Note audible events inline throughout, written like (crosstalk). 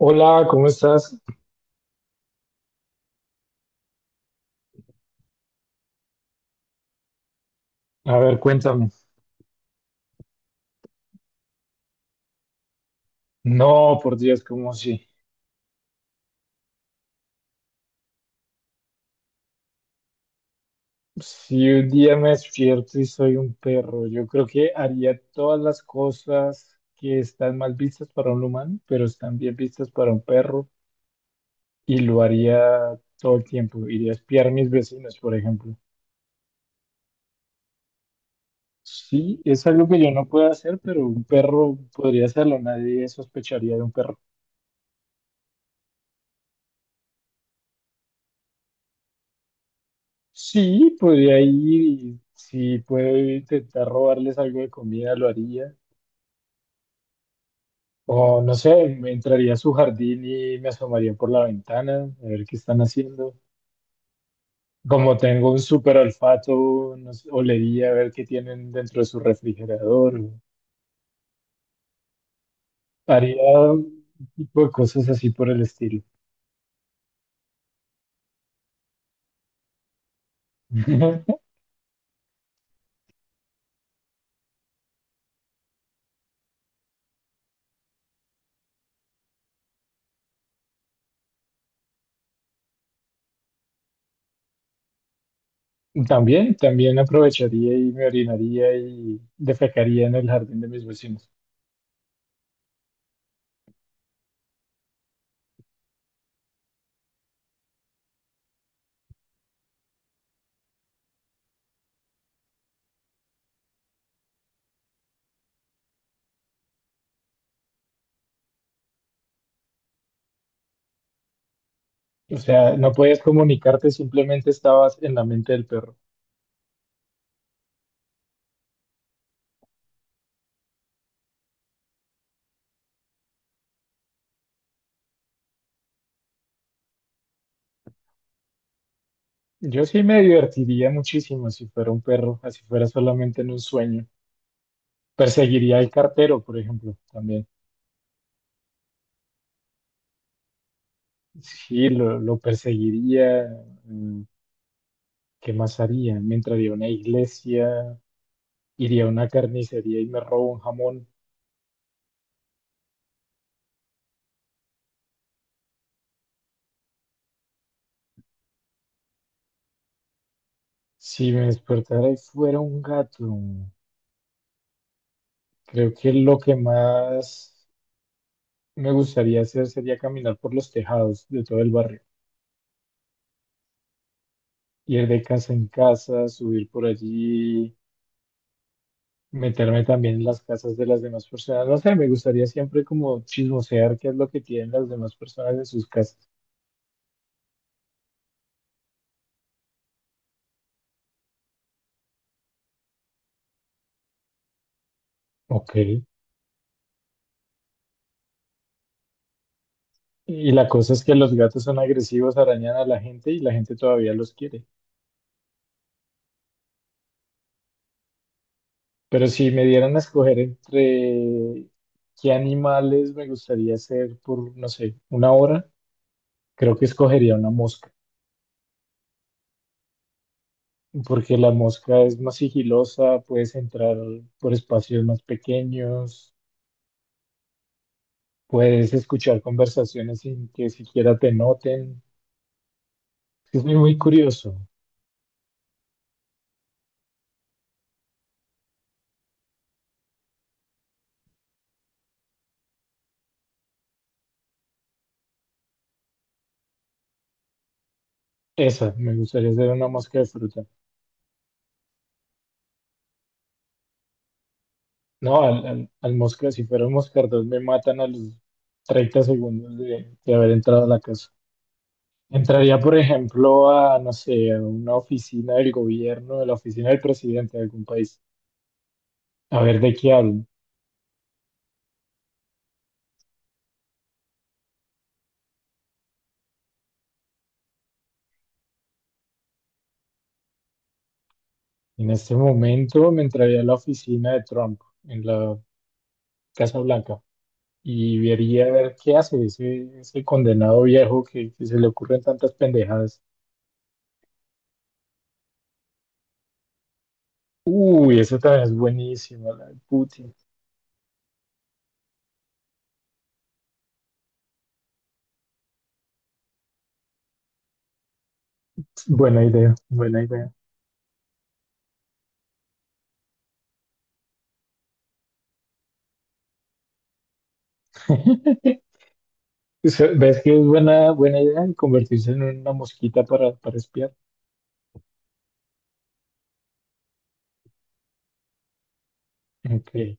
Hola, ¿cómo estás? A ver, cuéntame. No, por Dios, como si, si un día me despierto y soy un perro, yo creo que haría todas las cosas que están mal vistas para un humano, pero están bien vistas para un perro y lo haría todo el tiempo. Iría a espiar a mis vecinos, por ejemplo. Sí, es algo que yo no puedo hacer, pero un perro podría hacerlo. Nadie sospecharía de un perro. Sí, podría ir y si puedo intentar robarles algo de comida, lo haría. O no sé, me entraría a su jardín y me asomaría por la ventana a ver qué están haciendo. Como tengo un súper olfato, no sé, olería a ver qué tienen dentro de su refrigerador. Haría un tipo de cosas así por el estilo. (laughs) También, también aprovecharía y me orinaría y defecaría en el jardín de mis vecinos. O sea, no podías comunicarte, simplemente estabas en la mente del perro. Yo sí me divertiría muchísimo si fuera un perro, así fuera solamente en un sueño. Perseguiría al cartero, por ejemplo, también. Sí, lo perseguiría. mm, ¿Qué más haría? Me entraría a una iglesia, iría a una carnicería y me robo un jamón. Si me despertara y fuera un gato, creo que lo que más me gustaría hacer sería caminar por los tejados de todo el barrio. Ir de casa en casa, subir por allí, meterme también en las casas de las demás personas. No sé, me gustaría siempre como chismosear qué es lo que tienen las demás personas en sus casas. Ok. Y la cosa es que los gatos son agresivos, arañan a la gente y la gente todavía los quiere. Pero si me dieran a escoger entre qué animales me gustaría ser por, no sé, una hora, creo que escogería una mosca, porque la mosca es más sigilosa, puedes entrar por espacios más pequeños, puedes escuchar conversaciones sin que siquiera te noten. Es muy, muy curioso. Esa, me gustaría ser una mosca de fruta. No, al Mosca, si fuera un Moscardón, me matan a los 30 segundos de haber entrado a la casa. Entraría, por ejemplo, a, no sé, a una oficina del gobierno, de la oficina del presidente de algún país, a ver de qué hablan. En este momento me entraría a la oficina de Trump, en la Casa Blanca, y vería a ver qué hace ese, ese condenado viejo que se le ocurren tantas pendejadas. Uy, eso también es buenísimo, la de Putin. Buena idea, buena idea. (laughs) Se- ¿Ves que es buena, buena idea convertirse en una mosquita para espiar? Ok.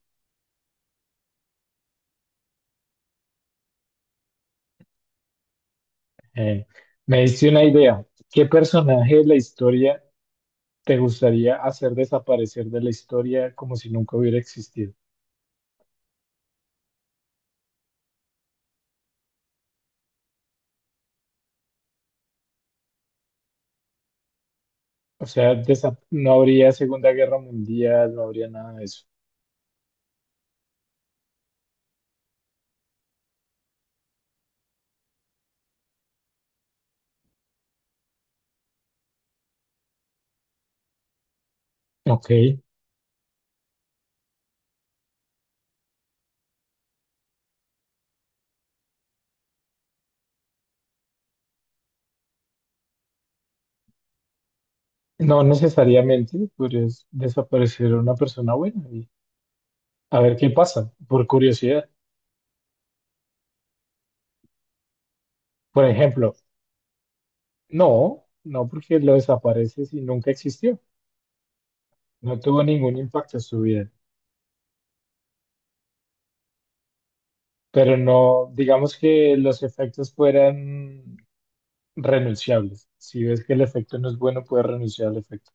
eh, Me diste una idea. ¿Qué personaje de la historia te gustaría hacer desaparecer de la historia como si nunca hubiera existido? O sea, desa- no habría Segunda Guerra Mundial, no habría nada de eso. Ok. No necesariamente podrías desaparecer a una persona buena y a ver qué pasa, por curiosidad. Por ejemplo, no, no porque lo desapareces y nunca existió. No tuvo ningún impacto en su vida, pero no, digamos que los efectos fueran renunciables. Si ves que el efecto no es bueno, puedes renunciar al efecto.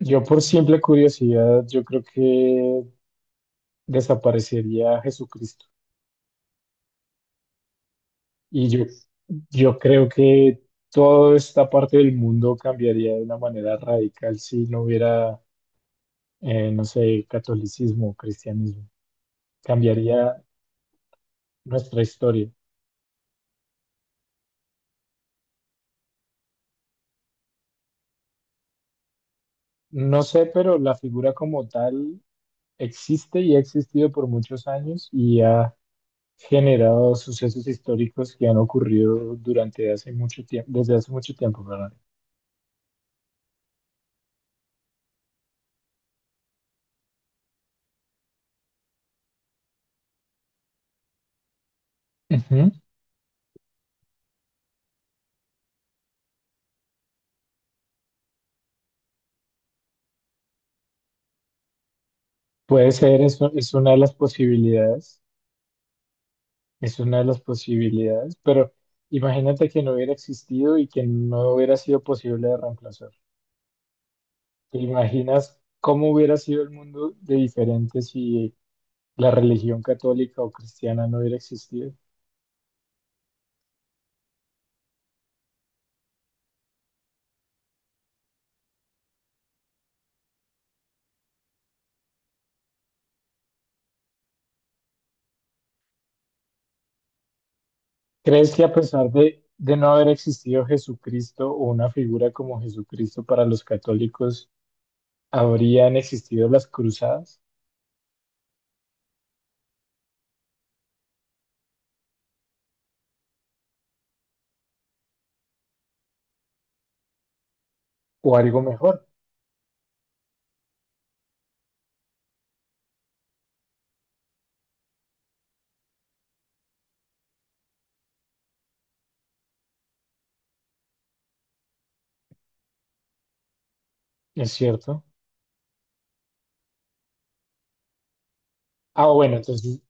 Yo por simple curiosidad, yo creo que desaparecería Jesucristo. Y yo, yo creo que toda esta parte del mundo cambiaría de una manera radical si no hubiera, no sé, catolicismo, cristianismo. Cambiaría nuestra historia. No sé, pero la figura como tal existe y ha existido por muchos años y ha generado sucesos históricos que han ocurrido durante hace mucho tiempo, desde hace mucho tiempo, perdón. Ujú. Puede ser, es, u- es una de las posibilidades, es una de las posibilidades, pero imagínate que no hubiera existido y que no hubiera sido posible de reemplazar. ¿Te imaginas cómo hubiera sido el mundo de diferente si la religión católica o cristiana no hubiera existido? ¿Crees que a pesar de no haber existido Jesucristo o una figura como Jesucristo para los católicos, habrían existido las cruzadas o algo mejor? ¿Es cierto? Ah, bueno, entonces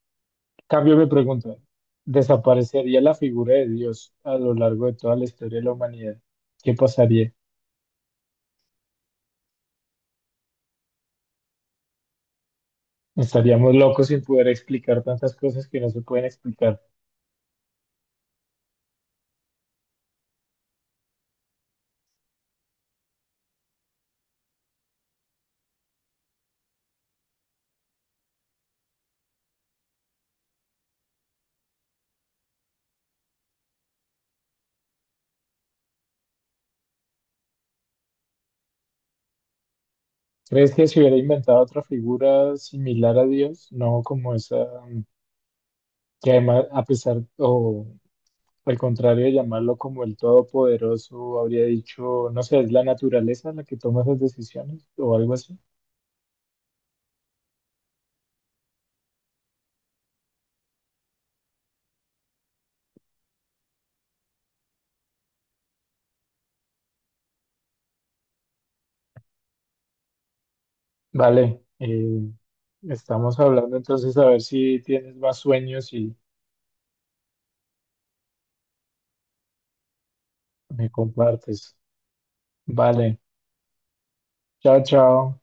cambio mi pregunta. ¿Desaparecería la figura de Dios a lo largo de toda la historia de la humanidad? ¿Qué pasaría? Estaríamos locos sin poder explicar tantas cosas que no se pueden explicar. ¿Crees que se hubiera inventado otra figura similar a Dios? No como esa, mm, que además, a pesar, o al contrario de llamarlo como el todopoderoso, habría dicho, no sé, es la naturaleza la que toma esas decisiones o algo así. Vale, estamos hablando entonces a ver si tienes más sueños y me compartes. Vale, chao, chao.